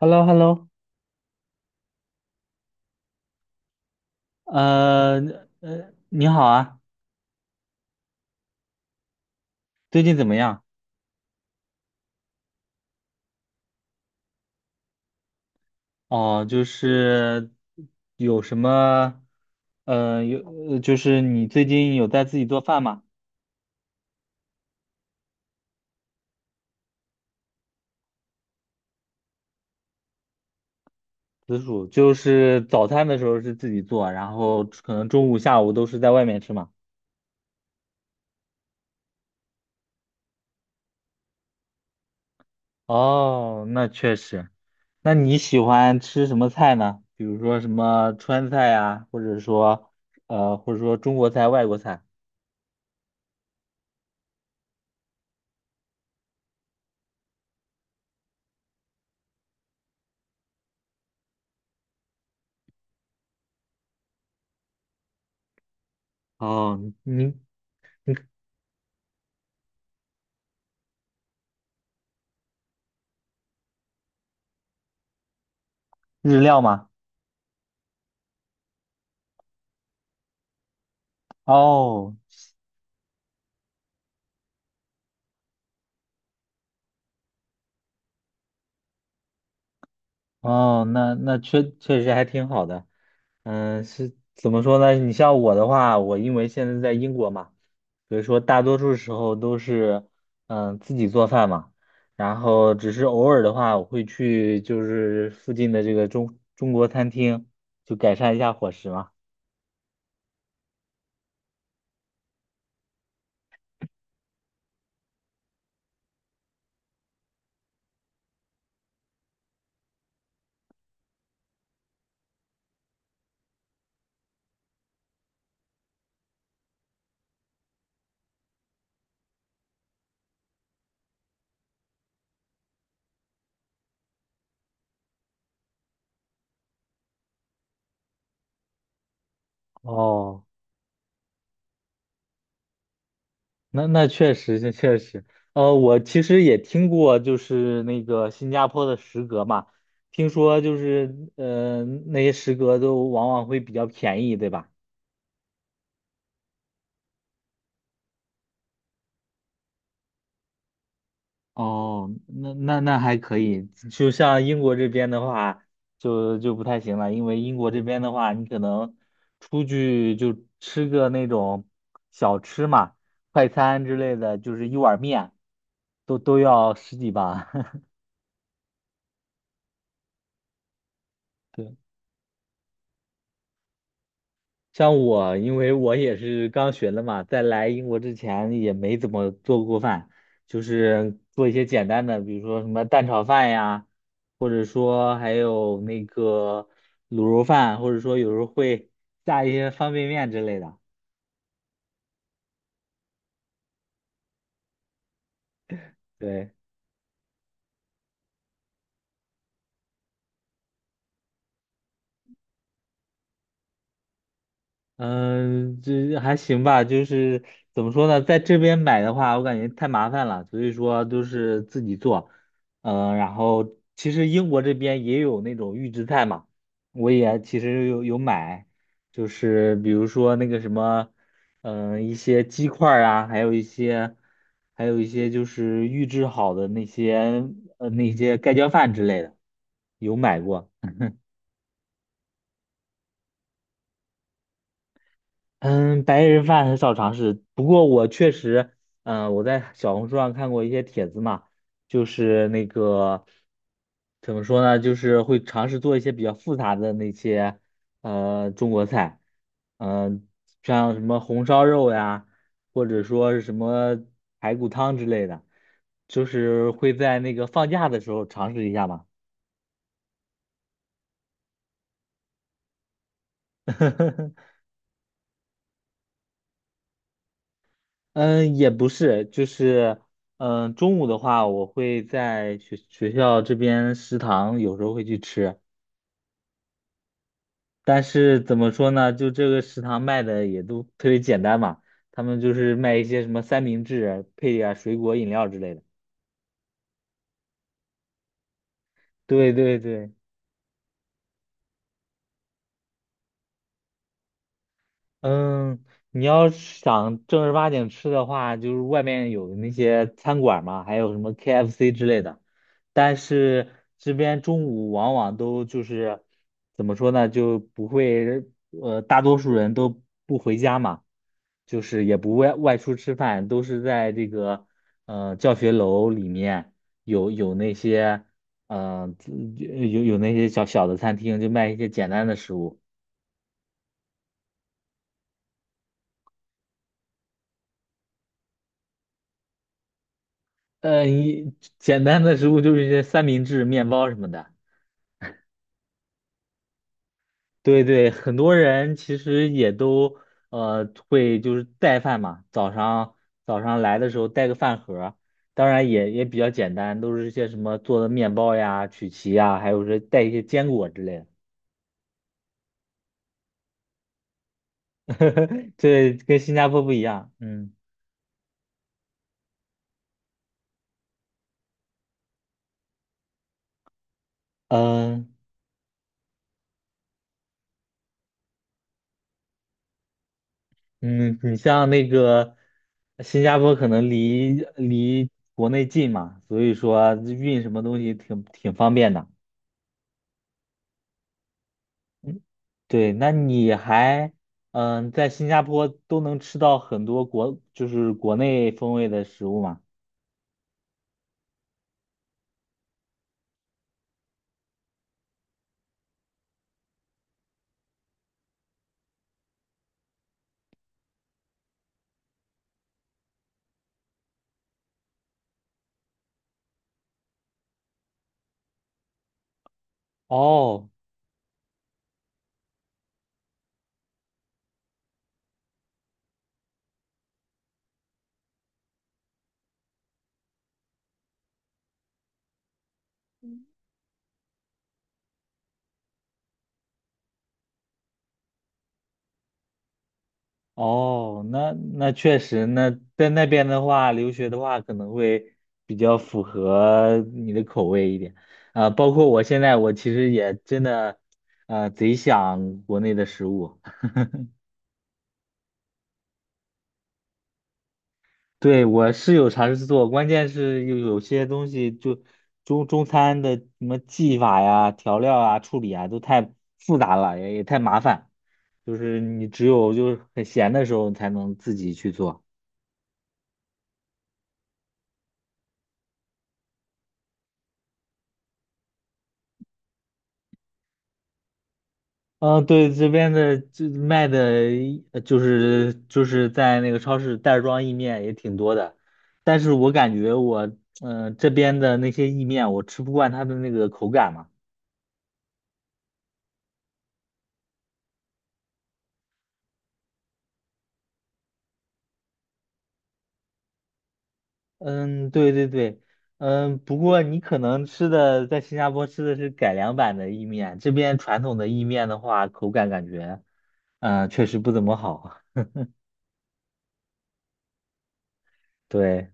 h e l l o h e l l o 呃你好啊，最近怎么样？哦，就是有什么，呃，有，就是你最近有在自己做饭吗？紫薯，就是早餐的时候是自己做，然后可能中午、下午都是在外面吃嘛。哦，那确实。那你喜欢吃什么菜呢？比如说什么川菜呀，或者说中国菜、外国菜。哦，你日料吗？哦。哦，那那确实还挺好的。嗯，是怎么说呢？你像我的话，我因为现在在英国嘛，所以说大多数时候都是嗯自己做饭嘛，然后只是偶尔的话，我会去就是附近的这个中国餐厅，就改善一下伙食嘛。哦。那确实，我其实也听过，就是那个新加坡的食阁嘛，听说就是，那些食阁都往往会比较便宜，对吧？哦，那还可以，就像英国这边的话，就不太行了，因为英国这边的话，你可能出去就吃个那种小吃嘛，快餐之类的，就是一碗面，都要十几吧。对像我，因为我也是刚学的嘛，在来英国之前也没怎么做过饭，就是做一些简单的，比如说什么蛋炒饭呀，或者说还有那个卤肉饭，或者说有时候会下一些方便面之类的。对。嗯，这还行吧，就是怎么说呢，在这边买的话，我感觉太麻烦了，所以说都是自己做。嗯，然后其实英国这边也有那种预制菜嘛，我也其实有买，就是比如说那个什么，嗯，一些鸡块儿啊，还有一些，还有一些就是预制好的那些，那些盖浇饭之类的，有买过。嗯，白人饭很少尝试，不过我确实，嗯、我在小红书上看过一些帖子嘛，就是那个怎么说呢，就是会尝试做一些比较复杂的那些中国菜，嗯、像什么红烧肉呀，或者说是什么排骨汤之类的，就是会在那个放假的时候尝试一下嘛。嗯，也不是，就是，嗯，中午的话，我会在学校这边食堂有时候会去吃，但是怎么说呢，就这个食堂卖的也都特别简单嘛，他们就是卖一些什么三明治啊，配点儿水果饮料之类的。对对对。嗯，你要是想正儿八经吃的话，就是外面有那些餐馆嘛，还有什么 KFC 之类的。但是这边中午往往都就是怎么说呢，就不会，呃，大多数人都不回家嘛，就是也不外出吃饭，都是在这个教学楼里面有有那些呃有那些小小的餐厅，就卖一些简单的食物。呃，一简单的食物就是一些三明治、面包什么的。对对，很多人其实也都会就是带饭嘛，早上来的时候带个饭盒儿当然也比较简单，都是一些什么做的面包呀、曲奇呀，还有是带一些坚果之类的。对，跟新加坡不一样。嗯嗯嗯，你像那个新加坡可能离国内近嘛，所以说运什么东西挺方便的。嗯，对，那你还嗯在新加坡都能吃到很多国就是国内风味的食物吗？哦哦，那确实，那在那边的话，留学的话可能会比较符合你的口味一点啊，包括我现在我其实也真的呃贼想国内的食物。对，我是有尝试做，关键是有些东西就中餐的什么技法呀、调料啊、处理啊，都太复杂了，也太麻烦。就是你只有就是很闲的时候，你才能自己去做。嗯，对，这边的就卖的一呃就是就是在那个超市袋儿装意面也挺多的，但是我感觉我嗯、呃这边的那些意面，我吃不惯它的那个口感嘛。嗯，对对对，嗯，不过你可能吃的在新加坡吃的是改良版的意面，这边传统的意面的话，口感感觉，嗯，确实不怎么好。对，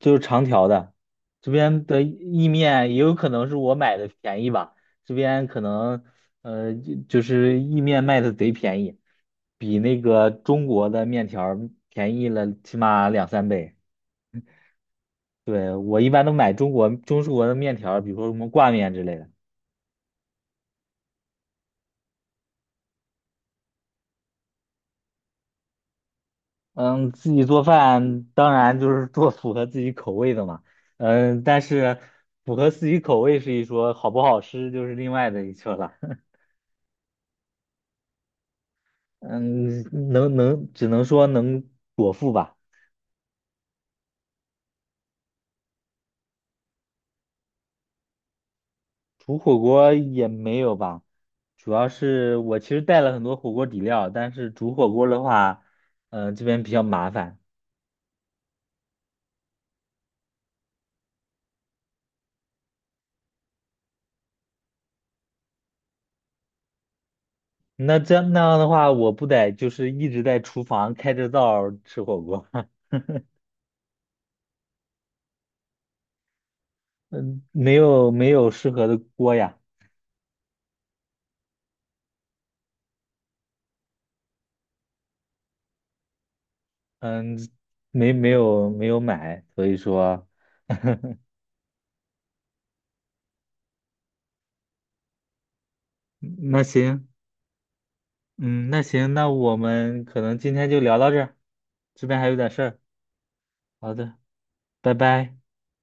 就是长条的，这边的意面也有可能是我买的便宜吧，这边可能，呃，就就是意面卖的贼便宜，比那个中国的面条儿便宜了起码两三倍。对，我一般都买中式的面条儿比如说什么挂面之类的。嗯，自己做饭当然就是做符合自己口味的嘛。嗯，但是符合自己口味是一说，好不好吃就是另外的一说了。嗯，只能说能果腹吧，煮火锅也没有吧。主要是我其实带了很多火锅底料，但是煮火锅的话，嗯、这边比较麻烦。那这样的话，我不得就是一直在厨房开着灶儿吃火锅，嗯，没有适合的锅呀。嗯，没有买，所以说，那行，嗯，那行，那我们可能今天就聊到这儿，这边还有点事儿。好的，拜拜。